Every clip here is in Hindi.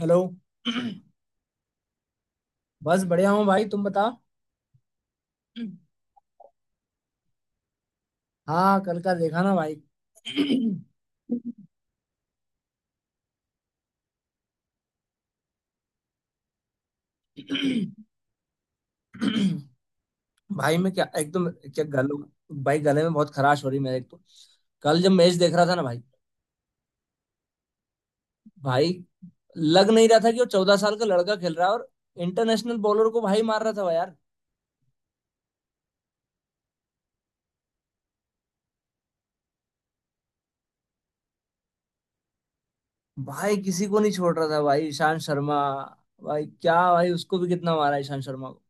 हेलो। बस बढ़िया हूँ भाई, तुम बता। हम्म। हाँ कल का देखा ना भाई। भाई मैं क्या एकदम क्या गलों। भाई गले में बहुत खराश हो रही मेरे, एक तो कल जब मैच देख रहा था ना भाई। भाई लग नहीं रहा था कि वो 14 साल का लड़का खेल रहा है, और इंटरनेशनल बॉलर को भाई मार रहा था भाई यार। भाई किसी को नहीं छोड़ रहा था भाई, ईशांत शर्मा। भाई क्या भाई, उसको भी कितना मारा ईशांत शर्मा को।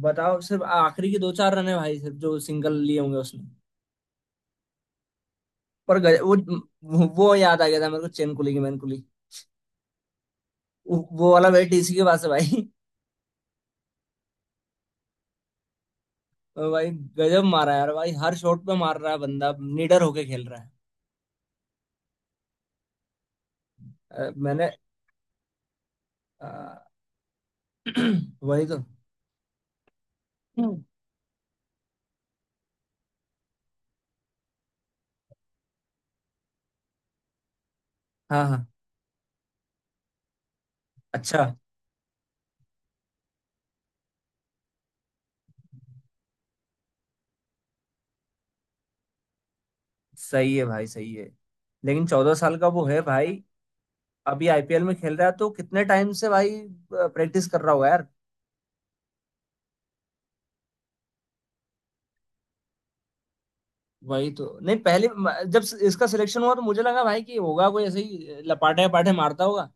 बताओ सिर्फ आखिरी के दो चार रन है भाई, सिर्फ जो सिंगल लिए होंगे उसने। पर गज, वो याद आ गया था मेरे को चेन कुली की मैन कुली। वो वाला भाई टीसी के पास है भाई। भाई गजब मारा है यार भाई, हर शॉट पे मार रहा है, बंदा निडर होके खेल रहा है। मैंने अ, वही तो। हम्म। हाँ हाँ। अच्छा। सही है भाई, सही है। लेकिन 14 साल का वो है भाई। अभी आईपीएल में खेल रहा है तो कितने टाइम से भाई प्रैक्टिस कर रहा होगा यार। वही तो। नहीं पहले जब इसका सिलेक्शन हुआ तो मुझे लगा भाई कि होगा कोई ऐसे ही लपाटे पाटे मारता होगा,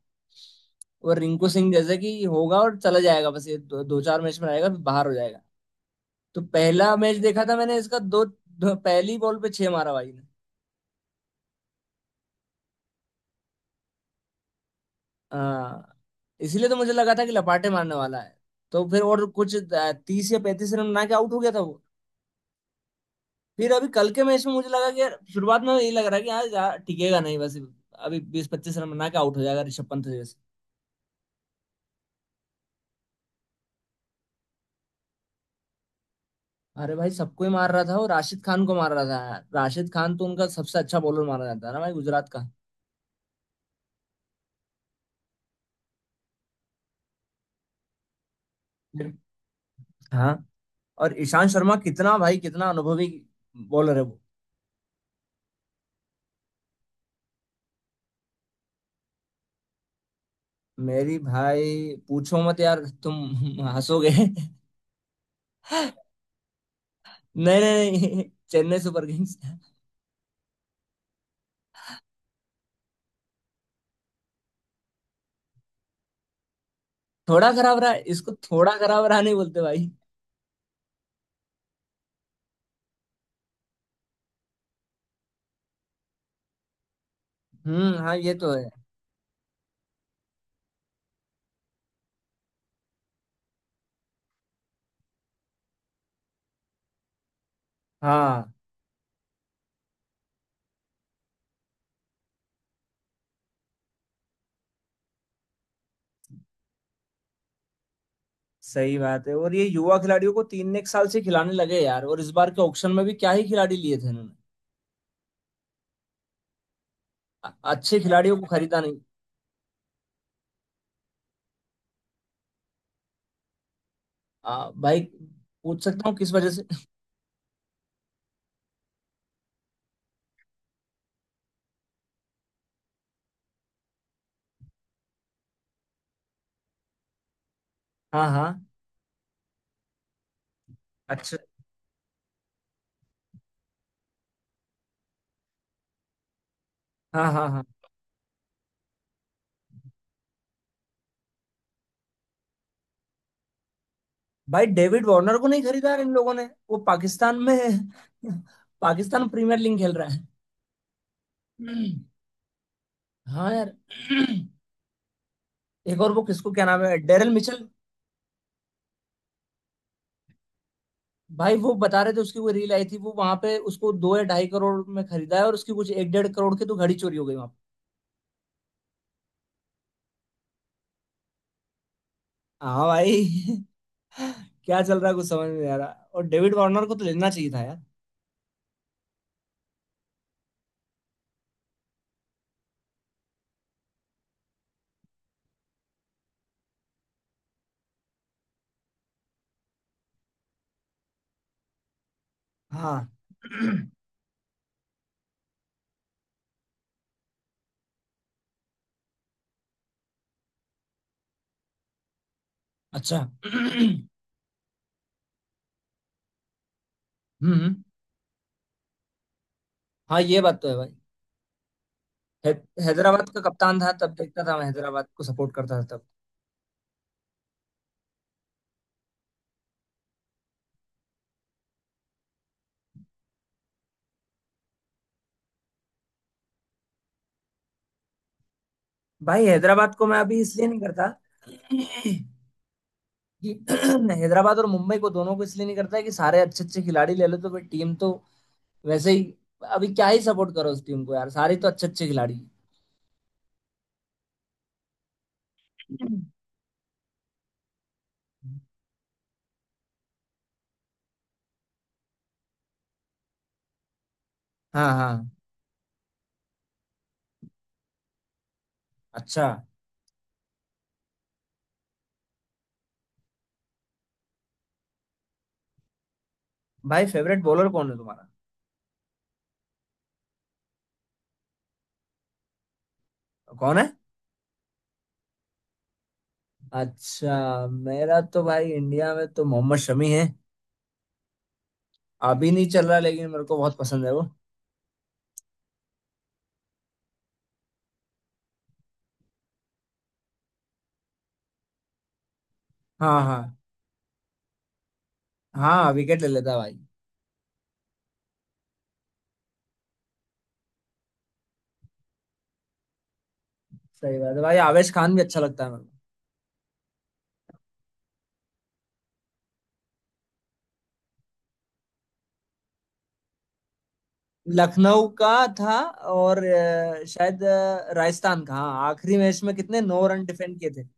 और रिंकू सिंह जैसे कि होगा और चला जाएगा, बस ये दो चार मैच में आएगा फिर बाहर हो जाएगा। तो पहला मैच देखा था मैंने इसका, दो, दो पहली बॉल पे छह मारा भाई ने। हाँ, इसीलिए तो मुझे लगा था कि लपाटे मारने वाला है। तो फिर और कुछ 30 या 35 रन बना के आउट हो गया था वो। फिर अभी कल के मैच में मुझे लगा कि यार शुरुआत में यही लग रहा है कि यार यार टिकेगा नहीं बस, अभी 20 25 रन बना के आउट हो जाएगा ऋषभ पंत जैसे। अरे भाई सबको ही मार रहा था वो, राशिद खान को मार रहा था, राशिद खान तो उनका सबसे अच्छा बॉलर माना जाता है ना भाई, गुजरात का। हाँ। और ईशांत शर्मा कितना भाई, कितना अनुभवी बॉलर है वो। मेरी भाई पूछो मत यार, तुम हंसोगे। नहीं नहीं। नहीं। Chennai super Kings. थोड़ा खराब रहा, इसको थोड़ा खराब रहा नहीं बोलते भाई। हम्म, हाँ ये तो है। हाँ सही बात है, और ये युवा खिलाड़ियों को तीन एक साल से खिलाने लगे यार, और इस बार के ऑक्शन में भी क्या ही खिलाड़ी लिए थे इन्होंने, अच्छे खिलाड़ियों को खरीदा नहीं। भाई, पूछ सकता हूँ किस वजह से। हाँ हाँ। अच्छा। हाँ हाँ हाँ। भाई डेविड वार्नर को नहीं खरीदा यार इन लोगों ने। वो पाकिस्तान में। पाकिस्तान प्रीमियर लीग खेल रहा है। हम्म, हाँ यार। एक और वो किसको, क्या नाम है, डेरल मिचल। भाई वो बता रहे थे उसकी, वो रील आई थी, वो वहां पे उसको दो या ढाई करोड़ में खरीदा है, और उसकी कुछ एक डेढ़ करोड़ की तो घड़ी चोरी हो गई वहां पे। हाँ भाई। क्या चल रहा है कुछ समझ में नहीं आ रहा। और डेविड वार्नर को तो लेना चाहिए था यार। हाँ। अच्छा। हम्म। हाँ, ये बात तो है भाई। है, हैदराबाद का कप्तान था तब देखता था मैं, हैदराबाद को सपोर्ट करता था तब। भाई हैदराबाद को मैं अभी इसलिए नहीं करता कि हैदराबाद और मुंबई को, दोनों को इसलिए नहीं करता कि सारे अच्छे अच्छे खिलाड़ी ले लो तो भाई टीम तो वैसे ही। अभी क्या ही सपोर्ट करो उस टीम को यार, सारे तो अच्छे अच्छे खिलाड़ी हैं। हाँ हाँ। अच्छा। भाई फेवरेट बॉलर कौन है तुम्हारा। कौन है। अच्छा, मेरा तो भाई इंडिया में तो मोहम्मद शमी है। अभी नहीं चल रहा लेकिन मेरे को बहुत पसंद है वो। हाँ हाँ। हाँ विकेट ले लेता है भाई। सही बात है भाई, आवेश खान भी अच्छा लगता है मेरे को। लखनऊ का था। और शायद राजस्थान का, हाँ आखिरी मैच में कितने 9 रन डिफेंड किए थे।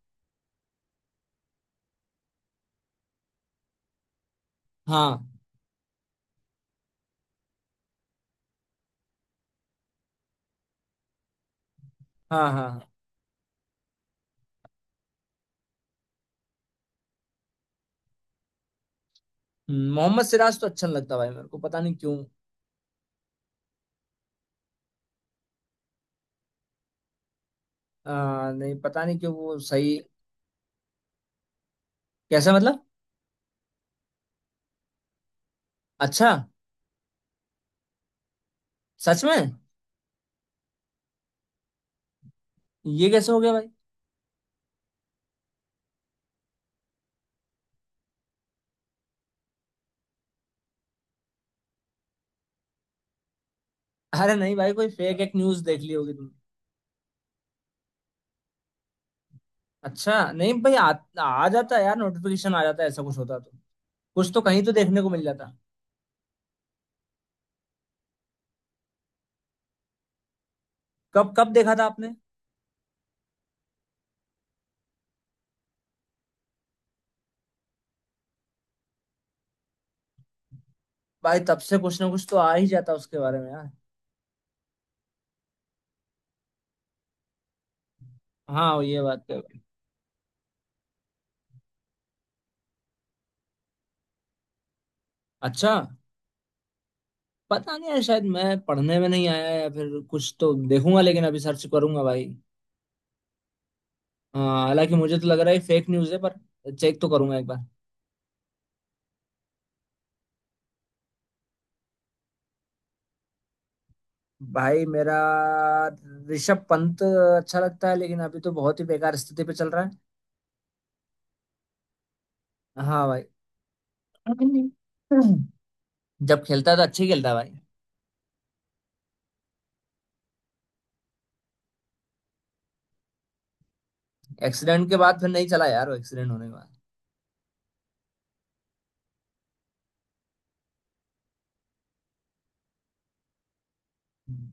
हाँ हाँ हाँ। हाँ। मोहम्मद सिराज तो अच्छा नहीं लगता भाई मेरे को, पता नहीं क्यों। नहीं, पता नहीं क्यों वो सही। कैसा मतलब। अच्छा। सच में। ये कैसे हो गया भाई। अरे नहीं भाई, कोई फेक एक न्यूज देख ली होगी तुमने। अच्छा नहीं भाई, आ जाता है यार, नोटिफिकेशन आ जाता है, ऐसा कुछ होता तो कुछ तो कहीं तो देखने को मिल जाता। कब कब देखा था आपने। भाई तब से कुछ ना कुछ तो आ ही जाता उसके बारे में यार। हाँ, ये बात तो है भाई। अच्छा। पता नहीं है, शायद मैं पढ़ने में नहीं आया, या फिर कुछ तो देखूंगा लेकिन अभी सर्च करूंगा भाई। हाँ हालांकि मुझे तो लग रहा है फेक न्यूज़ है, पर चेक तो करूंगा एक बार। भाई मेरा ऋषभ पंत अच्छा लगता है, लेकिन अभी तो बहुत ही बेकार स्थिति पे चल रहा है। हाँ भाई। जब खेलता है तो अच्छे खेलता है भाई। एक्सीडेंट के बाद फिर नहीं चला यार, वो एक्सीडेंट होने के बाद।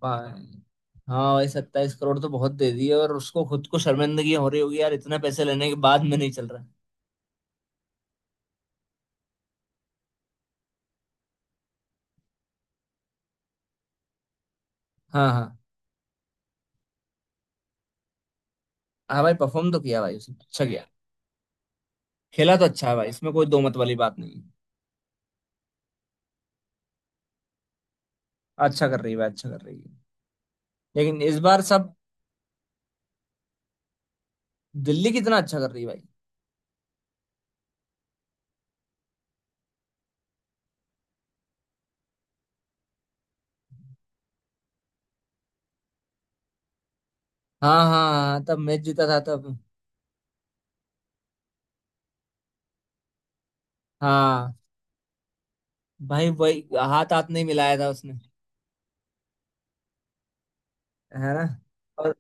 भाई हाँ भाई, 27 करोड़ तो बहुत दे दिए, और उसको खुद को शर्मिंदगी हो रही होगी यार, इतना पैसे लेने के बाद में नहीं चल रहा। हाँ हाँ। हाँ भाई परफॉर्म तो किया भाई उसने, अच्छा किया। खेला तो अच्छा है भाई, इसमें कोई दो मत वाली बात नहीं है। अच्छा कर रही है भाई, अच्छा कर रही है। लेकिन इस बार सब, दिल्ली कितना अच्छा कर रही है भाई। हाँ हाँ हाँ, तब मैच जीता था तब। हाँ भाई, वही हाथ हाथ नहीं मिलाया था उसने। है ना। और,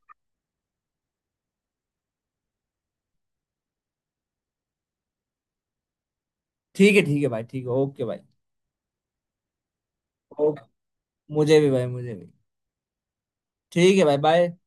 ठीक है भाई, ठीक है, ओके भाई। ओके। मुझे भी भाई, मुझे भी। ठीक है भाई। बाय।